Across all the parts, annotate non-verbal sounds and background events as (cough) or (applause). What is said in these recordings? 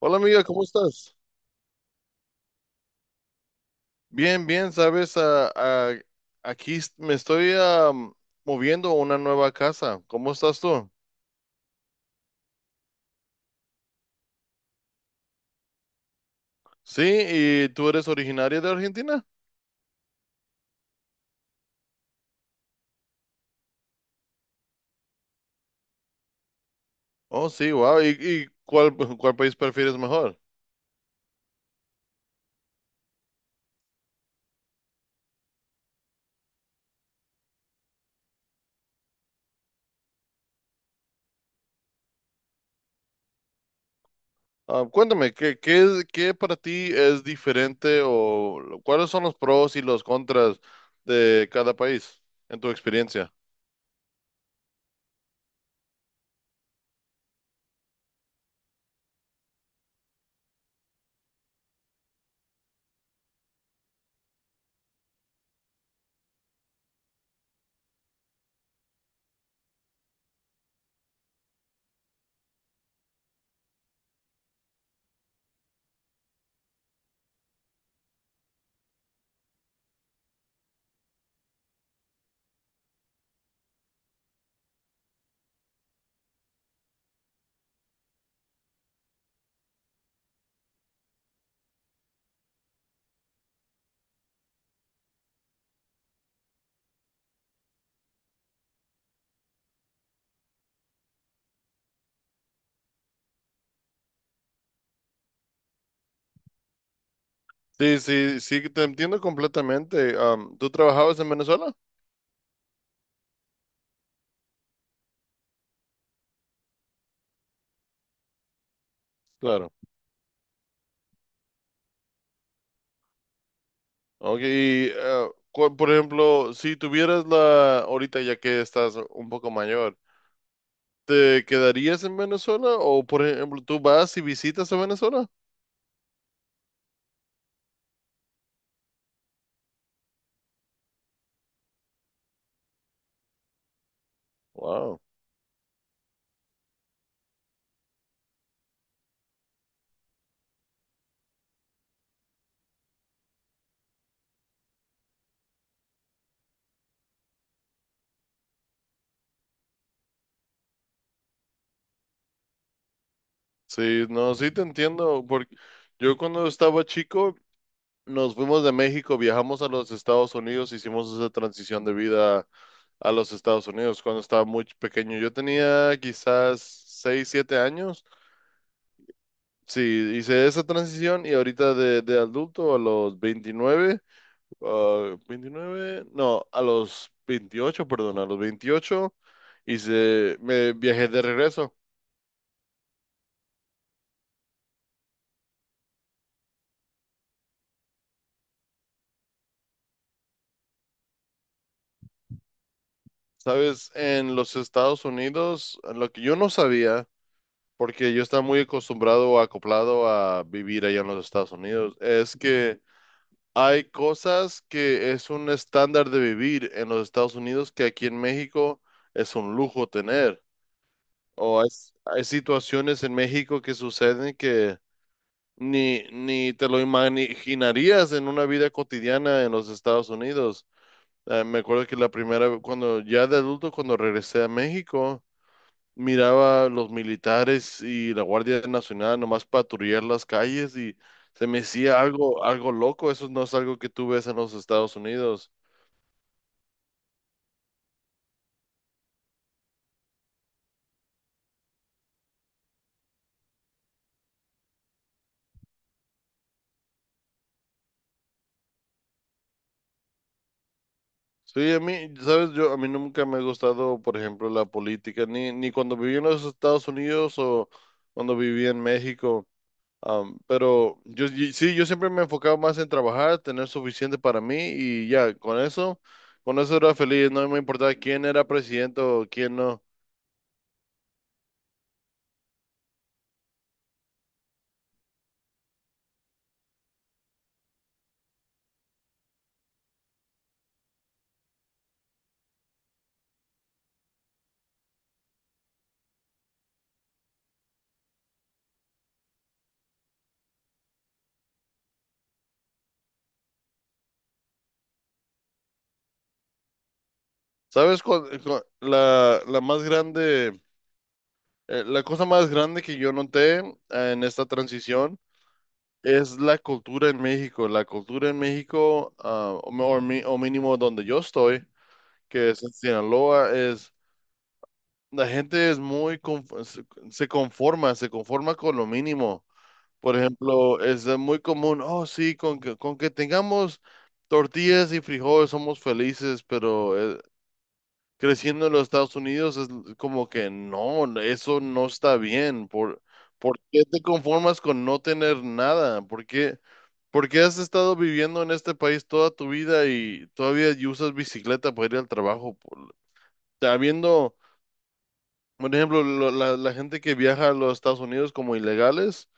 Hola amiga, ¿cómo estás? Bien, bien, sabes, me estoy moviendo a una nueva casa. ¿Cómo estás tú? Sí, ¿y tú eres originaria de Argentina? Oh, sí, wow. ¿Y cuál, (laughs) cuál país prefieres mejor? Ah, cuéntame, ¿qué para ti es diferente o cuáles son los pros y los contras de cada país en tu experiencia? Sí, sí, sí, te entiendo completamente. ¿Tú trabajabas en Venezuela? Claro. Ok, por ejemplo, si tuvieras ahorita ya que estás un poco mayor, ¿te quedarías en Venezuela o, por ejemplo, tú vas y visitas a Venezuela? Wow. Sí, no, sí te entiendo, porque yo cuando estaba chico, nos fuimos de México, viajamos a los Estados Unidos, hicimos esa transición de vida a los Estados Unidos cuando estaba muy pequeño. Yo tenía quizás 6, 7 años. Sí, hice esa transición y ahorita de adulto a los 29. Ah, 29, no, a los 28, perdón, a los 28 hice, me viajé de regreso. Sabes, en los Estados Unidos, lo que yo no sabía, porque yo estaba muy acostumbrado o acoplado a vivir allá en los Estados Unidos, es que hay cosas que es un estándar de vivir en los Estados Unidos que aquí en México es un lujo tener. O hay situaciones en México que suceden que ni te lo imaginarías en una vida cotidiana en los Estados Unidos. Me acuerdo que cuando ya de adulto, cuando regresé a México, miraba los militares y la Guardia Nacional nomás patrullar las calles y se me hacía algo loco. Eso no es algo que tú ves en los Estados Unidos. Sí, a mí, sabes, a mí nunca me ha gustado, por ejemplo, la política, ni cuando viví en los Estados Unidos o cuando viví en México. Pero sí, yo siempre me enfocaba más en trabajar, tener suficiente para mí y ya, con eso, era feliz, no me importaba quién era presidente o quién no. ¿Sabes la cosa más grande que yo noté en esta transición? Es la cultura en México. La cultura en México, o mínimo donde yo estoy, que es en Sinaloa, la gente se conforma, se conforma con lo mínimo. Por ejemplo, es de muy común, oh sí, con que tengamos tortillas y frijoles somos felices, pero creciendo en los Estados Unidos es como que no, eso no está bien. ¿Por qué te conformas con no tener nada? ¿Por qué has estado viviendo en este país toda tu vida y todavía y usas bicicleta para ir al trabajo? Habiendo, por ejemplo, la gente que viaja a los Estados Unidos como ilegales.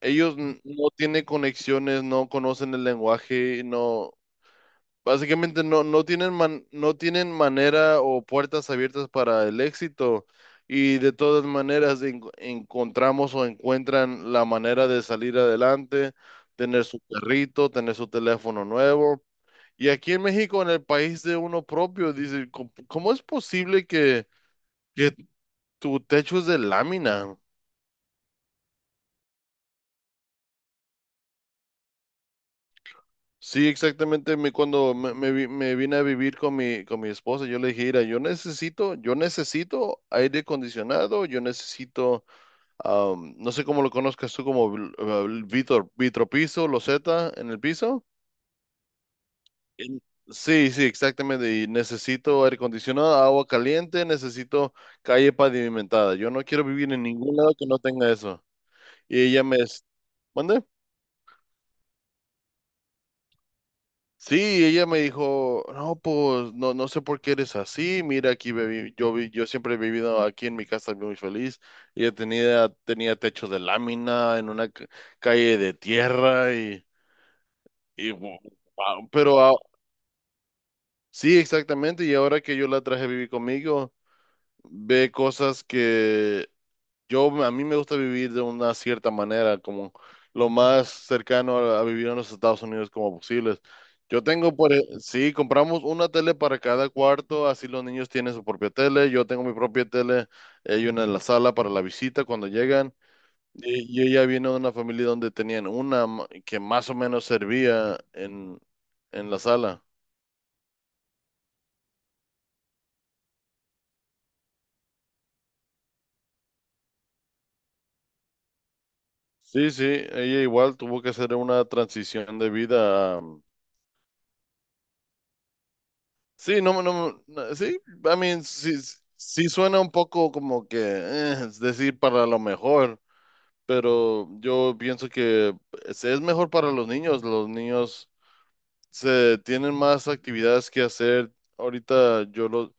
Ellos no tienen conexiones, no conocen el lenguaje, no, básicamente no tienen manera o puertas abiertas para el éxito. Y de todas maneras encontramos o encuentran la manera de salir adelante, tener su perrito, tener su teléfono nuevo. Y aquí en México, en el país de uno propio, dice: "¿Cómo es posible que, tu techo es de lámina?". Sí, exactamente. Me, cuando me vi- me vine a vivir con mi esposa, yo le dije, mira, yo necesito aire acondicionado, no sé cómo lo conozcas tú, como vitropiso, loseta en el piso. En- Sí, sí, exactamente. Y necesito aire acondicionado, agua caliente, necesito calle pavimentada. Yo no quiero vivir en ningún lado que no tenga eso. Y ella me, ¿mande? Sí, ella me dijo: no, pues no, no sé por qué eres así, mira, aquí yo siempre he vivido aquí en mi casa muy feliz. Ella tenía techo de lámina en una calle de tierra y wow, sí, exactamente. Y ahora que yo la traje a vivir conmigo, ve cosas que a mí me gusta vivir de una cierta manera, como lo más cercano a, vivir en los Estados Unidos como posible. Yo tengo, por, e- Sí, compramos una tele para cada cuarto, así los niños tienen su propia tele, yo tengo mi propia tele, hay una en la sala para la visita cuando llegan. Y yo ya vino de una familia donde tenían una que más o menos servía en la sala. Sí, sí, ella igual tuvo que hacer una transición de vida. Sí, no, no, no, sí, sí, sí suena un poco como que, es decir, para lo mejor, pero yo pienso que es mejor para los niños se tienen más actividades que hacer. Ahorita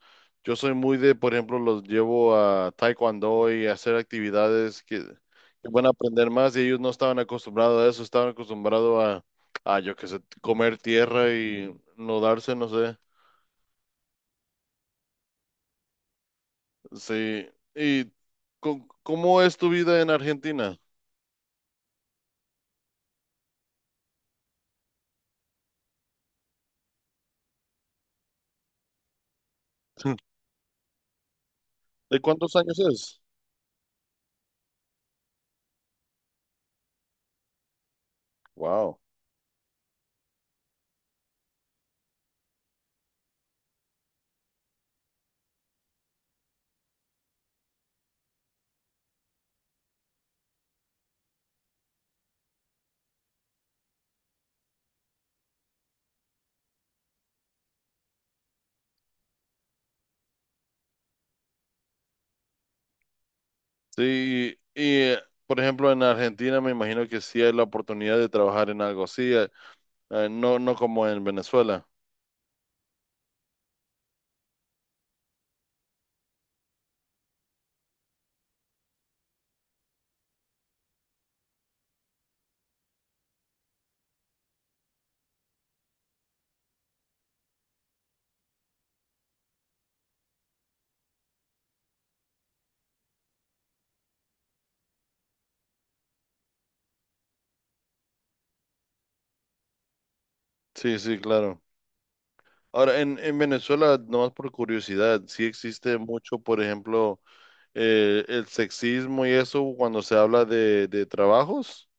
yo soy muy de, por ejemplo, los llevo a taekwondo y a hacer actividades que van a aprender más y ellos no estaban acostumbrados a eso, estaban acostumbrados a, yo qué sé, comer tierra y no darse, no sé. Sí. ¿Y cómo es tu vida en Argentina? (laughs) ¿De cuántos años es? Wow. Sí, y por ejemplo en Argentina me imagino que sí hay la oportunidad de trabajar en algo así, no, no como en Venezuela. Sí, sí, claro. Ahora, en Venezuela, nomás por curiosidad, sí existe mucho, por ejemplo, el sexismo y eso cuando se habla de trabajos.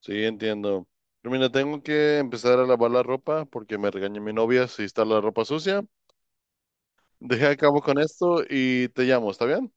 Sí, entiendo. Pero mira, tengo que empezar a lavar la ropa porque me regaña mi novia si está la ropa sucia. Deja a cabo con esto y te llamo, ¿está bien?